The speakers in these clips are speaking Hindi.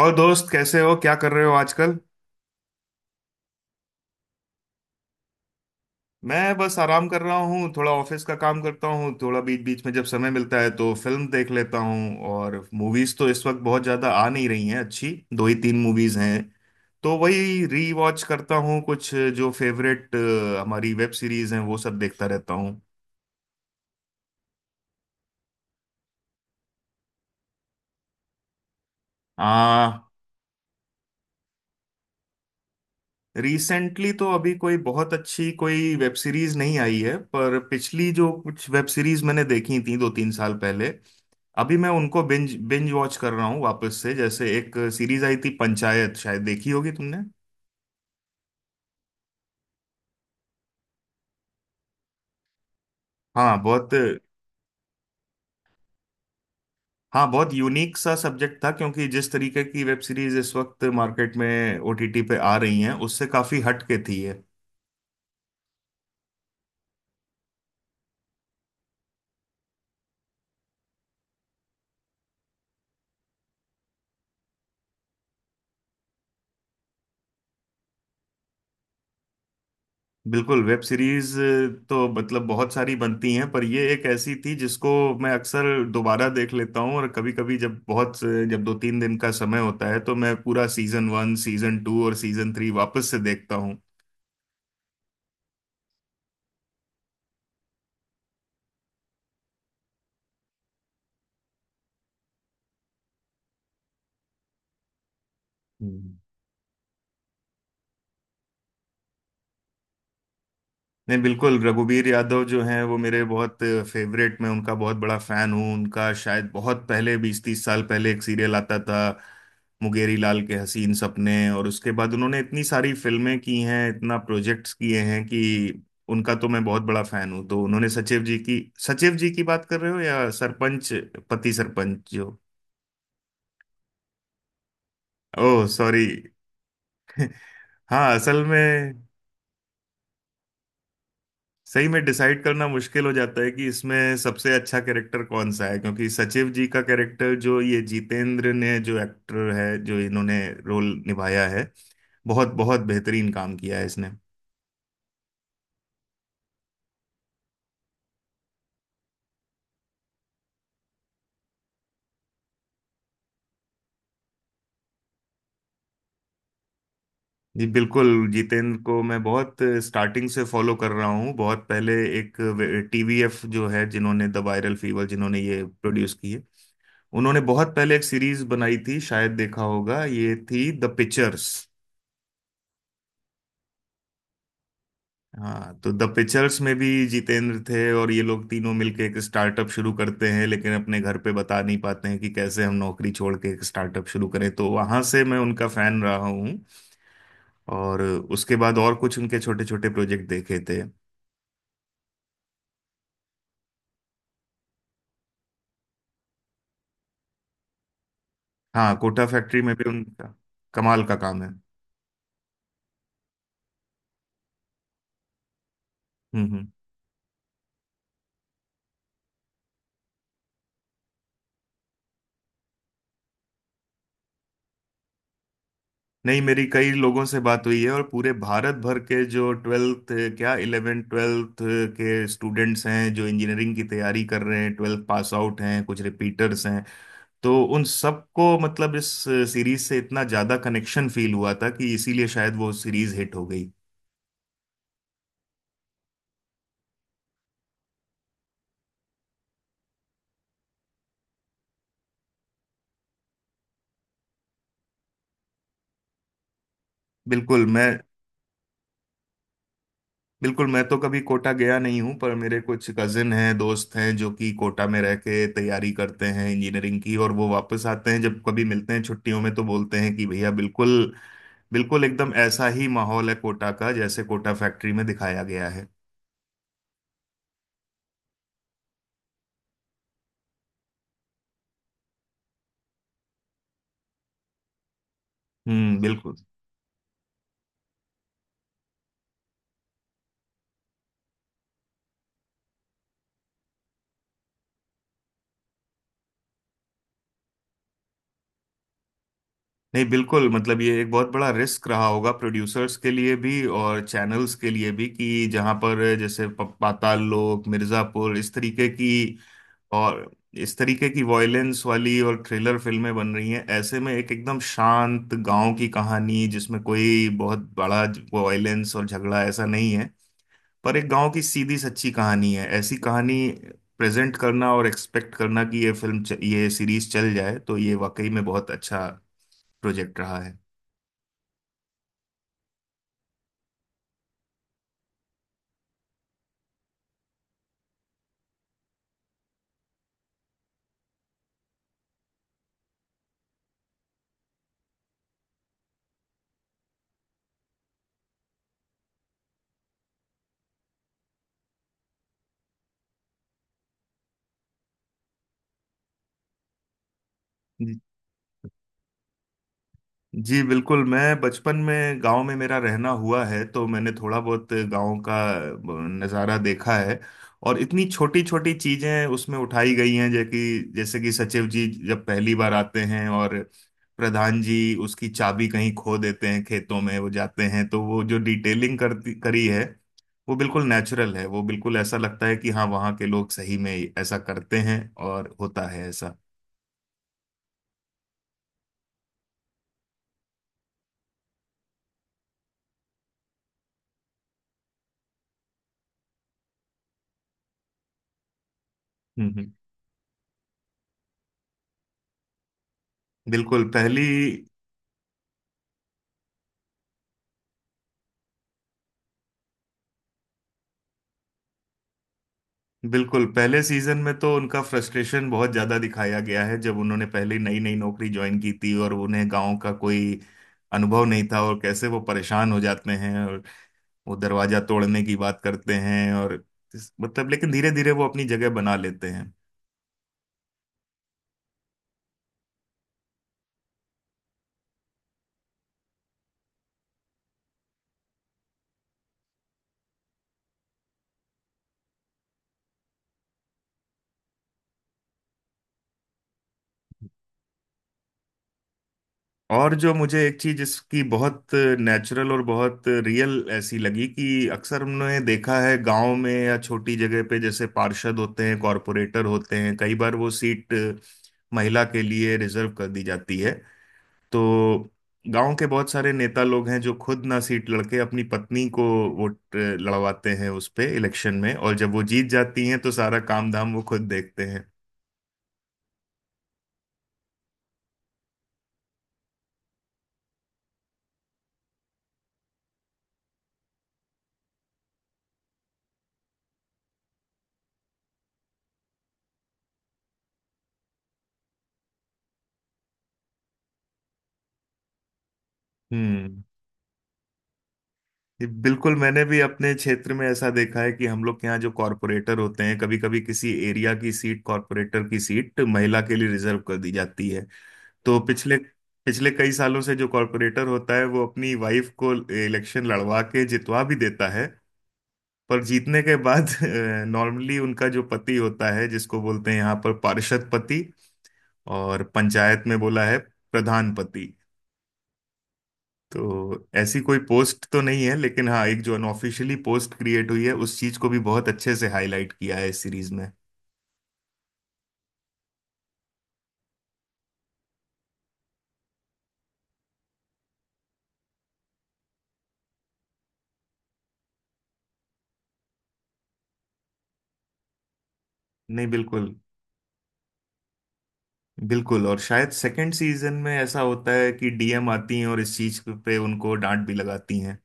और दोस्त, कैसे हो? क्या कर रहे हो आजकल? मैं बस आराम कर रहा हूँ। थोड़ा ऑफिस का काम करता हूँ। थोड़ा बीच बीच में जब समय मिलता है तो फिल्म देख लेता हूँ। और मूवीज तो इस वक्त बहुत ज्यादा आ नहीं रही हैं। अच्छी दो ही तीन मूवीज हैं, तो वही री वॉच करता हूँ, कुछ जो फेवरेट हमारी वेब सीरीज हैं वो सब देखता रहता हूँ। आ रिसेंटली तो अभी कोई बहुत अच्छी कोई वेब सीरीज नहीं आई है, पर पिछली जो कुछ वेब सीरीज मैंने देखी थी दो तीन साल पहले, अभी मैं उनको बिंज बिंज वॉच कर रहा हूँ वापस से। जैसे एक सीरीज आई थी पंचायत, शायद देखी होगी तुमने। हाँ, बहुत। हाँ, बहुत यूनिक सा सब्जेक्ट था, क्योंकि जिस तरीके की वेब सीरीज इस वक्त मार्केट में ओटीटी पे आ रही हैं उससे काफी हट के थी ये। बिल्कुल। वेब सीरीज तो मतलब बहुत सारी बनती हैं, पर ये एक ऐसी थी जिसको मैं अक्सर दोबारा देख लेता हूँ। और कभी कभी, जब बहुत, जब दो तीन दिन का समय होता है, तो मैं पूरा सीजन 1, सीजन 2 और सीजन 3 वापस से देखता हूँ। नहीं, बिल्कुल। रघुवीर यादव जो हैं वो मेरे बहुत फेवरेट। मैं उनका बहुत बड़ा फैन हूँ। उनका शायद बहुत पहले, बीस तीस साल पहले, एक सीरियल आता था मुंगेरी लाल के हसीन सपने, और उसके बाद उन्होंने इतनी सारी फिल्में की हैं, इतना प्रोजेक्ट्स किए हैं कि उनका तो मैं बहुत बड़ा फैन हूँ। तो उन्होंने सचिव जी की। सचिव जी की बात कर रहे हो या सरपंच पति? सरपंच जो। Oh sorry. हाँ, असल में सही में डिसाइड करना मुश्किल हो जाता है कि इसमें सबसे अच्छा कैरेक्टर कौन सा है, क्योंकि सचिव जी का कैरेक्टर जो ये जितेंद्र ने, जो एक्टर है, जो इन्होंने रोल निभाया है, बहुत बहुत बेहतरीन काम किया है इसने। जी, बिल्कुल। जितेंद्र को मैं बहुत स्टार्टिंग से फॉलो कर रहा हूँ। बहुत पहले एक टीवीएफ जो है, जिन्होंने द वायरल फीवर, जिन्होंने ये प्रोड्यूस की है, उन्होंने बहुत पहले एक सीरीज बनाई थी, शायद देखा होगा, ये थी द पिक्चर्स। हाँ, तो द पिक्चर्स में भी जितेंद्र थे, और ये लोग तीनों मिलके एक स्टार्टअप शुरू करते हैं, लेकिन अपने घर पे बता नहीं पाते हैं कि कैसे हम नौकरी छोड़ के एक स्टार्टअप शुरू करें। तो वहां से मैं उनका फैन रहा हूँ, और उसके बाद और कुछ उनके छोटे छोटे प्रोजेक्ट देखे थे। हाँ, कोटा फैक्ट्री में भी उनका कमाल का काम है। हम्म। नहीं, मेरी कई लोगों से बात हुई है, और पूरे भारत भर के जो 12th, क्या 11th 12th के स्टूडेंट्स हैं जो इंजीनियरिंग की तैयारी कर रहे हैं, 12th पास आउट हैं, कुछ रिपीटर्स हैं, तो उन सबको मतलब इस सीरीज से इतना ज्यादा कनेक्शन फील हुआ था कि इसीलिए शायद वो सीरीज हिट हो गई। बिल्कुल मैं बिल्कुल मैं तो कभी कोटा गया नहीं हूँ, पर मेरे कुछ कजिन हैं, दोस्त हैं, जो कि कोटा में रह के तैयारी करते हैं इंजीनियरिंग की, और वो वापस आते हैं जब कभी मिलते हैं छुट्टियों में तो बोलते हैं कि भैया बिल्कुल, बिल्कुल एकदम ऐसा ही माहौल है कोटा का जैसे कोटा फैक्ट्री में दिखाया गया है। हम्म, बिल्कुल। नहीं, बिल्कुल, मतलब ये एक बहुत बड़ा रिस्क रहा होगा प्रोड्यूसर्स के लिए भी और चैनल्स के लिए भी, कि जहाँ पर जैसे पाताल लोक, मिर्जापुर, इस तरीके की और इस तरीके की वॉयलेंस वाली और थ्रिलर फिल्में बन रही हैं, ऐसे में एक एकदम शांत गांव की कहानी जिसमें कोई बहुत बड़ा वॉयलेंस और झगड़ा ऐसा नहीं है, पर एक गांव की सीधी सच्ची कहानी है, ऐसी कहानी प्रेजेंट करना और एक्सपेक्ट करना कि ये ये सीरीज चल जाए, तो ये वाकई में बहुत अच्छा प्रोजेक्ट रहा है। जी। जी, बिल्कुल, मैं बचपन में गांव में मेरा रहना हुआ है, तो मैंने थोड़ा बहुत गांव का नज़ारा देखा है, और इतनी छोटी छोटी चीजें उसमें उठाई गई हैं, जैसे कि सचिव जी जब पहली बार आते हैं और प्रधान जी उसकी चाबी कहीं खो देते हैं, खेतों में वो जाते हैं, तो वो जो डिटेलिंग करती करी है वो बिल्कुल नेचुरल है। वो बिल्कुल ऐसा लगता है कि हाँ, वहाँ के लोग सही में ऐसा करते हैं, और होता है ऐसा। हम्म। बिल्कुल पहली बिल्कुल पहले सीजन में तो उनका फ्रस्ट्रेशन बहुत ज्यादा दिखाया गया है, जब उन्होंने पहले नई नई नौकरी ज्वाइन की थी और उन्हें गांव का कोई अनुभव नहीं था, और कैसे वो परेशान हो जाते हैं और वो दरवाजा तोड़ने की बात करते हैं, और मतलब लेकिन धीरे धीरे वो अपनी जगह बना लेते हैं। और जो मुझे एक चीज इसकी बहुत नेचुरल और बहुत रियल ऐसी लगी कि अक्सर हमने देखा है गांव में या छोटी जगह पे, जैसे पार्षद होते हैं, कॉरपोरेटर होते हैं, कई बार वो सीट महिला के लिए रिजर्व कर दी जाती है। तो गांव के बहुत सारे नेता लोग हैं जो खुद ना सीट लड़के अपनी पत्नी को वोट लड़वाते हैं उस पे इलेक्शन में, और जब वो जीत जाती हैं तो सारा काम धाम वो खुद देखते हैं। हम्म। ये बिल्कुल मैंने भी अपने क्षेत्र में ऐसा देखा है, कि हम लोग के यहाँ जो कॉरपोरेटर होते हैं, कभी कभी किसी एरिया की सीट, कॉरपोरेटर की सीट महिला के लिए रिजर्व कर दी जाती है, तो पिछले पिछले कई सालों से जो कॉरपोरेटर होता है वो अपनी वाइफ को इलेक्शन लड़वा के जितवा भी देता है। पर जीतने के बाद नॉर्मली उनका जो पति होता है जिसको बोलते हैं यहाँ पर पार्षद पति, और पंचायत में बोला है प्रधान पति। तो ऐसी कोई पोस्ट तो नहीं है, लेकिन हाँ, एक जो अनऑफिशियली पोस्ट क्रिएट हुई है उस चीज को भी बहुत अच्छे से हाईलाइट किया है इस सीरीज में। नहीं, बिल्कुल बिल्कुल। और शायद सेकंड सीजन में ऐसा होता है कि डीएम आती हैं और इस चीज पे उनको डांट भी लगाती हैं।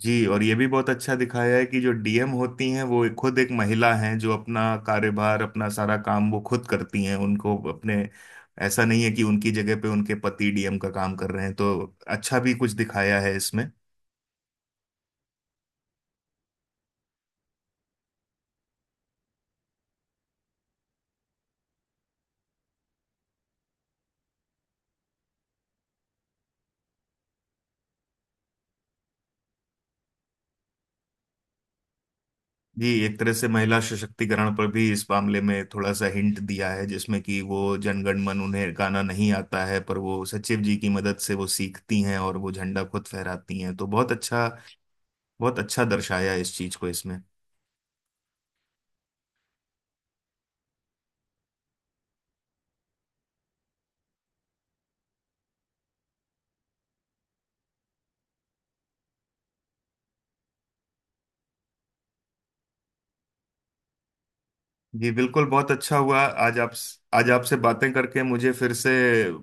जी। और ये भी बहुत अच्छा दिखाया है कि जो डीएम होती हैं वो खुद एक महिला हैं, जो अपना कार्यभार, अपना सारा काम वो खुद करती हैं उनको अपने। ऐसा नहीं है कि उनकी जगह पे उनके पति डीएम का काम कर रहे हैं, तो अच्छा भी कुछ दिखाया है इसमें। जी, एक तरह से महिला सशक्तिकरण पर भी इस मामले में थोड़ा सा हिंट दिया है, जिसमें कि वो जनगण मन उन्हें गाना नहीं आता है, पर वो सचिव जी की मदद से वो सीखती हैं और वो झंडा खुद फहराती हैं, तो बहुत अच्छा दर्शाया इस चीज को इसमें। जी बिल्कुल, बहुत अच्छा हुआ। आज आप आज आपसे बातें करके मुझे फिर से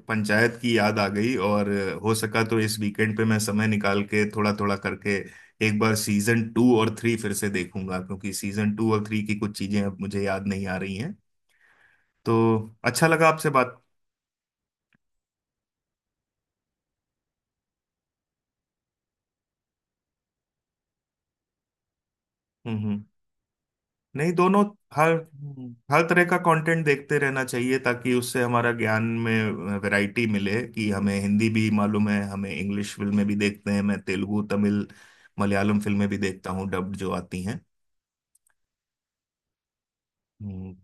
पंचायत की याद आ गई, और हो सका तो इस वीकेंड पे मैं समय निकाल के थोड़ा थोड़ा करके एक बार सीजन 2 और 3 फिर से देखूंगा, क्योंकि सीजन 2 और थ्री की कुछ चीजें अब मुझे याद नहीं आ रही हैं। तो अच्छा लगा आपसे बात। हम्म। नहीं, दोनों, हर हर तरह का कंटेंट देखते रहना चाहिए, ताकि उससे हमारा ज्ञान में वैरायटी मिले कि हमें हिंदी भी मालूम है, हमें इंग्लिश फिल्में भी देखते हैं, मैं तेलुगु, तमिल, मलयालम फिल्में भी देखता हूँ, डब्ड जो आती हैं। हम्म,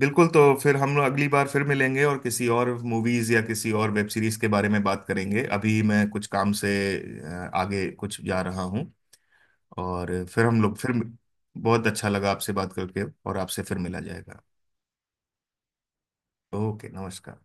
बिल्कुल। तो फिर हम लोग अगली बार फिर मिलेंगे और किसी और मूवीज या किसी और वेब सीरीज के बारे में बात करेंगे। अभी मैं कुछ काम से आगे कुछ जा रहा हूँ, और फिर हम लोग फिर। बहुत अच्छा लगा आपसे बात करके, और आपसे फिर मिला जाएगा। ओके, नमस्कार।